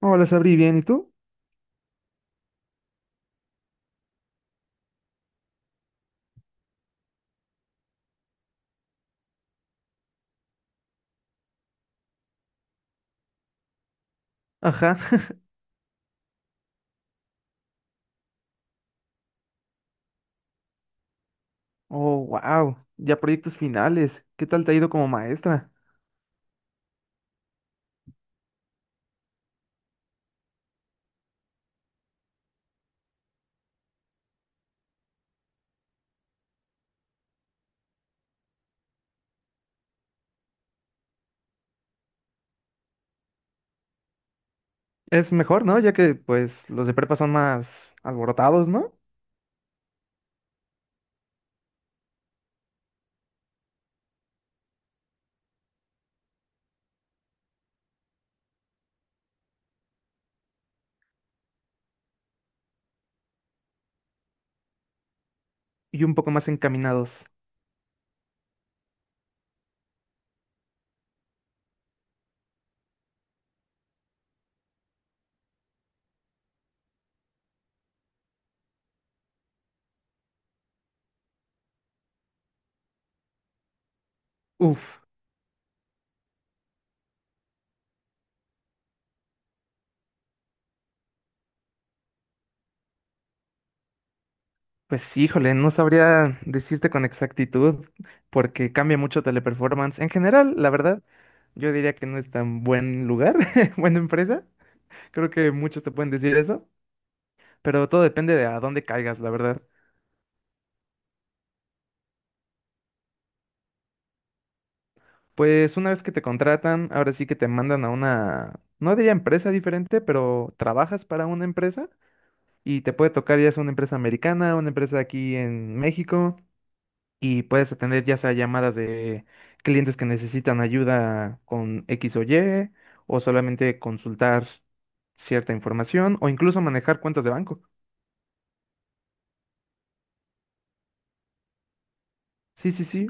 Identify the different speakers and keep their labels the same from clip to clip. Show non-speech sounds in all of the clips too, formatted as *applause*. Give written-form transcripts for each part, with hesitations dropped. Speaker 1: Hola, Sabri, bien, ¿y tú? Ajá. Oh, wow. Ya proyectos finales. ¿Qué tal te ha ido como maestra? Es mejor, ¿no? Ya que pues los de prepa son más alborotados, ¿no? Y un poco más encaminados. Uf, pues híjole, no sabría decirte con exactitud porque cambia mucho Teleperformance. En general, la verdad, yo diría que no es tan buen lugar, *laughs* buena empresa. Creo que muchos te pueden decir eso, pero todo depende de a dónde caigas, la verdad. Pues una vez que te contratan, ahora sí que te mandan a una, no diría empresa diferente, pero trabajas para una empresa y te puede tocar ya sea una empresa americana, una empresa aquí en México y puedes atender ya sea llamadas de clientes que necesitan ayuda con X o Y o solamente consultar cierta información o incluso manejar cuentas de banco. Sí, sí, sí.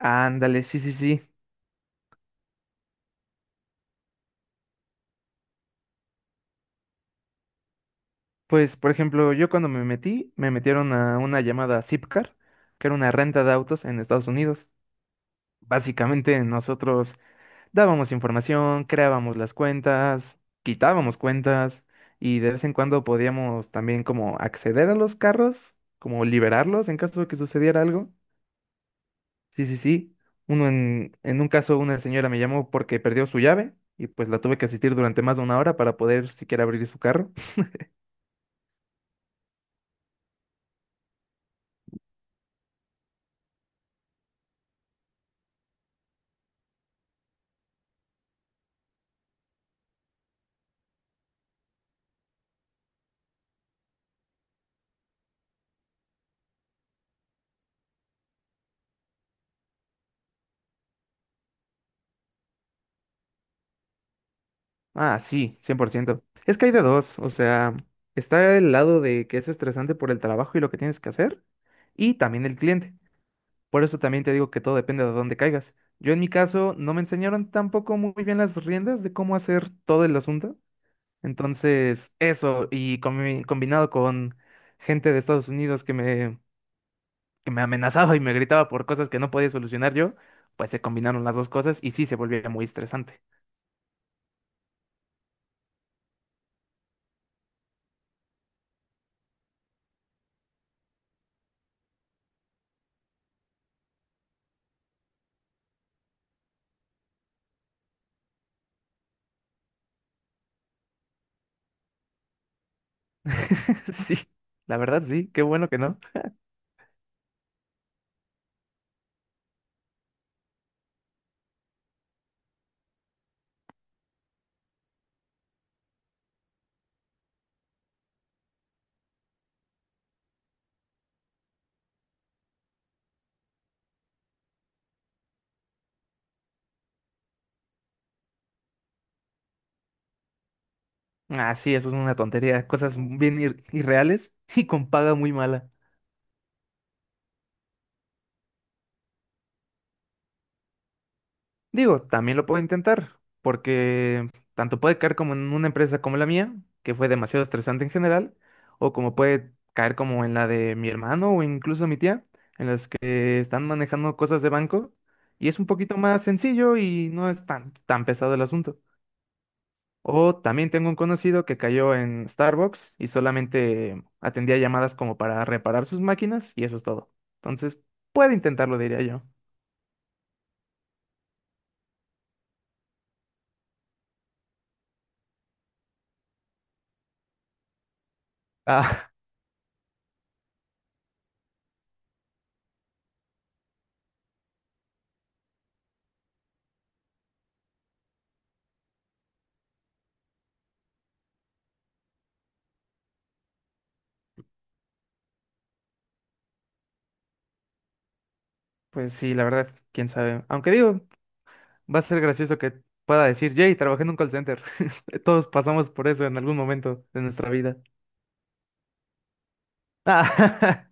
Speaker 1: Ándale, sí, sí, sí. Pues, por ejemplo, yo cuando me metí, me metieron a una llamada Zipcar, que era una renta de autos en Estados Unidos. Básicamente nosotros dábamos información, creábamos las cuentas, quitábamos cuentas y de vez en cuando podíamos también como acceder a los carros, como liberarlos en caso de que sucediera algo. Sí, sí, sí. Uno en un caso una señora me llamó porque perdió su llave y pues la tuve que asistir durante más de 1 hora para poder siquiera abrir su carro. Ah, sí, 100%. Es que hay de dos, o sea, está el lado de que es estresante por el trabajo y lo que tienes que hacer, y también el cliente. Por eso también te digo que todo depende de dónde caigas. Yo en mi caso no me enseñaron tampoco muy bien las riendas de cómo hacer todo el asunto. Entonces, eso, y combinado con gente de Estados Unidos que me amenazaba y me gritaba por cosas que no podía solucionar yo, pues se combinaron las dos cosas y sí se volvía muy estresante. *laughs* Sí, la verdad sí, qué bueno que no. Ah, sí, eso es una tontería. Cosas bien irreales *laughs* y con paga muy mala. Digo, también lo puedo intentar, porque tanto puede caer como en una empresa como la mía, que fue demasiado estresante en general, o como puede caer como en la de mi hermano o incluso mi tía, en las que están manejando cosas de banco y es un poquito más sencillo y no es tan, tan pesado el asunto. O también tengo un conocido que cayó en Starbucks y solamente atendía llamadas como para reparar sus máquinas y eso es todo. Entonces, puede intentarlo, diría yo. Ah, *laughs* pues sí, la verdad, quién sabe. Aunque digo, va a ser gracioso que pueda decir, Jay, trabajé en un call center. *laughs* Todos pasamos por eso en algún momento de nuestra vida. Ah,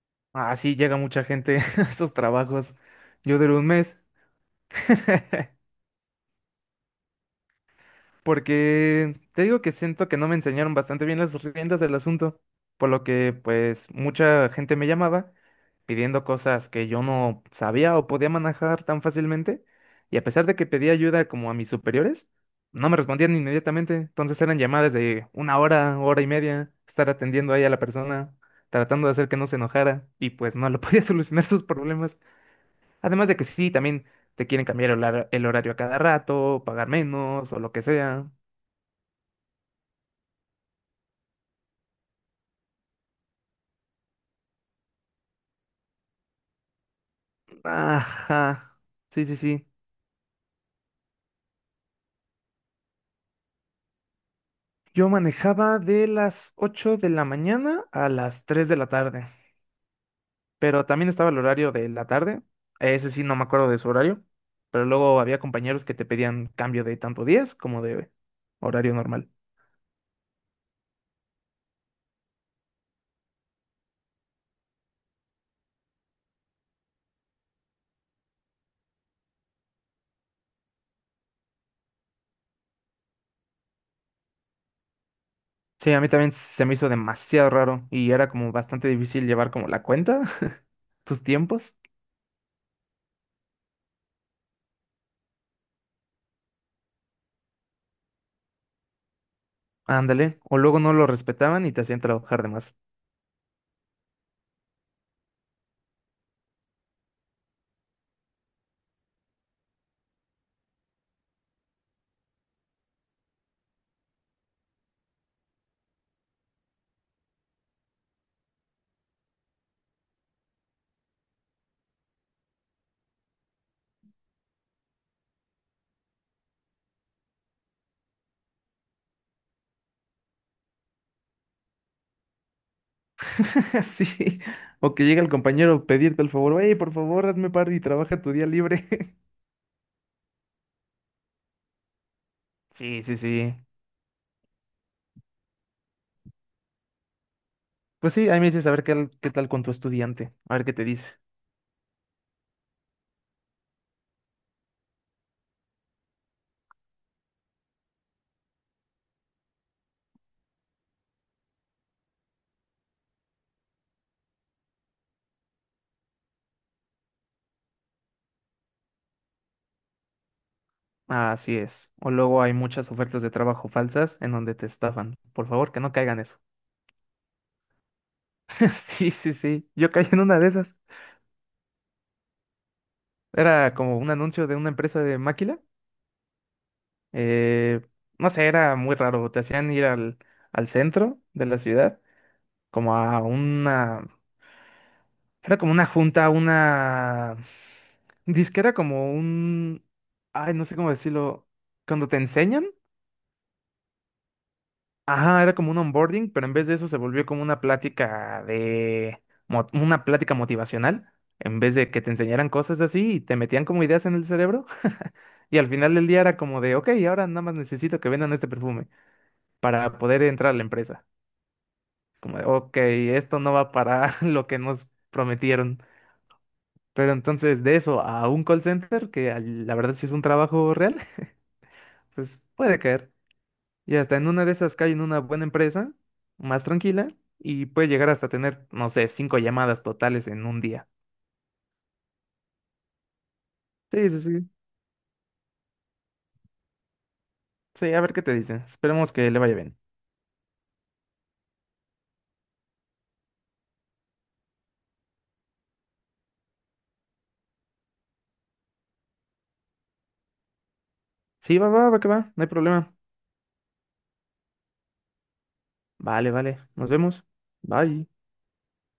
Speaker 1: *laughs* ah, sí, llega mucha gente *laughs* a esos trabajos. Yo duré un mes. *laughs* Porque te digo que siento que no me enseñaron bastante bien las riendas del asunto, por lo que pues mucha gente me llamaba pidiendo cosas que yo no sabía o podía manejar tan fácilmente, y a pesar de que pedía ayuda como a mis superiores, no me respondían inmediatamente, entonces eran llamadas de una hora, hora y media, estar atendiendo ahí a la persona, tratando de hacer que no se enojara, y pues no lo *laughs* podía solucionar sus problemas, además de que sí, también te quieren cambiar el horario a cada rato, pagar menos o lo que sea. Ajá. Sí, sí, sí. Yo manejaba de las 8 de la mañana a las 3 de la tarde, pero también estaba el horario de la tarde. Ese sí, no me acuerdo de su horario, pero luego había compañeros que te pedían cambio de tanto días como de horario normal. Sí, a mí también se me hizo demasiado raro y era como bastante difícil llevar como la cuenta, *laughs* tus tiempos. Ándale, o luego no lo respetaban y te hacían trabajar de más. *laughs* Sí, o que llega el compañero a pedirte el favor, oye, por favor, hazme par y trabaja tu día libre. *laughs* Sí, sí, sí. Pues sí, ahí me dices a ver qué, qué tal con tu estudiante, a ver qué te dice. Así es. O luego hay muchas ofertas de trabajo falsas en donde te estafan. Por favor, que no caigan eso. *laughs* Sí, sí, sí. Yo caí en una de esas. Era como un anuncio de una empresa de máquina. Eh, no sé, era muy raro. Te hacían ir al centro de la ciudad, como a una. Era como una junta, una. Disque era como un. Ay, no sé cómo decirlo. Cuando te enseñan. Ajá, era como un onboarding, pero en vez de eso se volvió como una plática de. Una plática motivacional. En vez de que te enseñaran cosas así y te metían como ideas en el cerebro. Y al final del día era como de, ok, ahora nada más necesito que vendan este perfume para poder entrar a la empresa. Como de, ok, esto no va para *laughs* lo que nos prometieron. Pero entonces, de eso a un call center, que la verdad sí es un trabajo real, *laughs* pues puede caer. Y hasta en una de esas cae en una buena empresa, más tranquila, y puede llegar hasta tener, no sé, 5 llamadas totales en un día. Sí, sí, sí. Sí, a ver qué te dicen. Esperemos que le vaya bien. Sí, va, va, va, que va, no hay problema. Vale, vale. Nos vemos. Bye.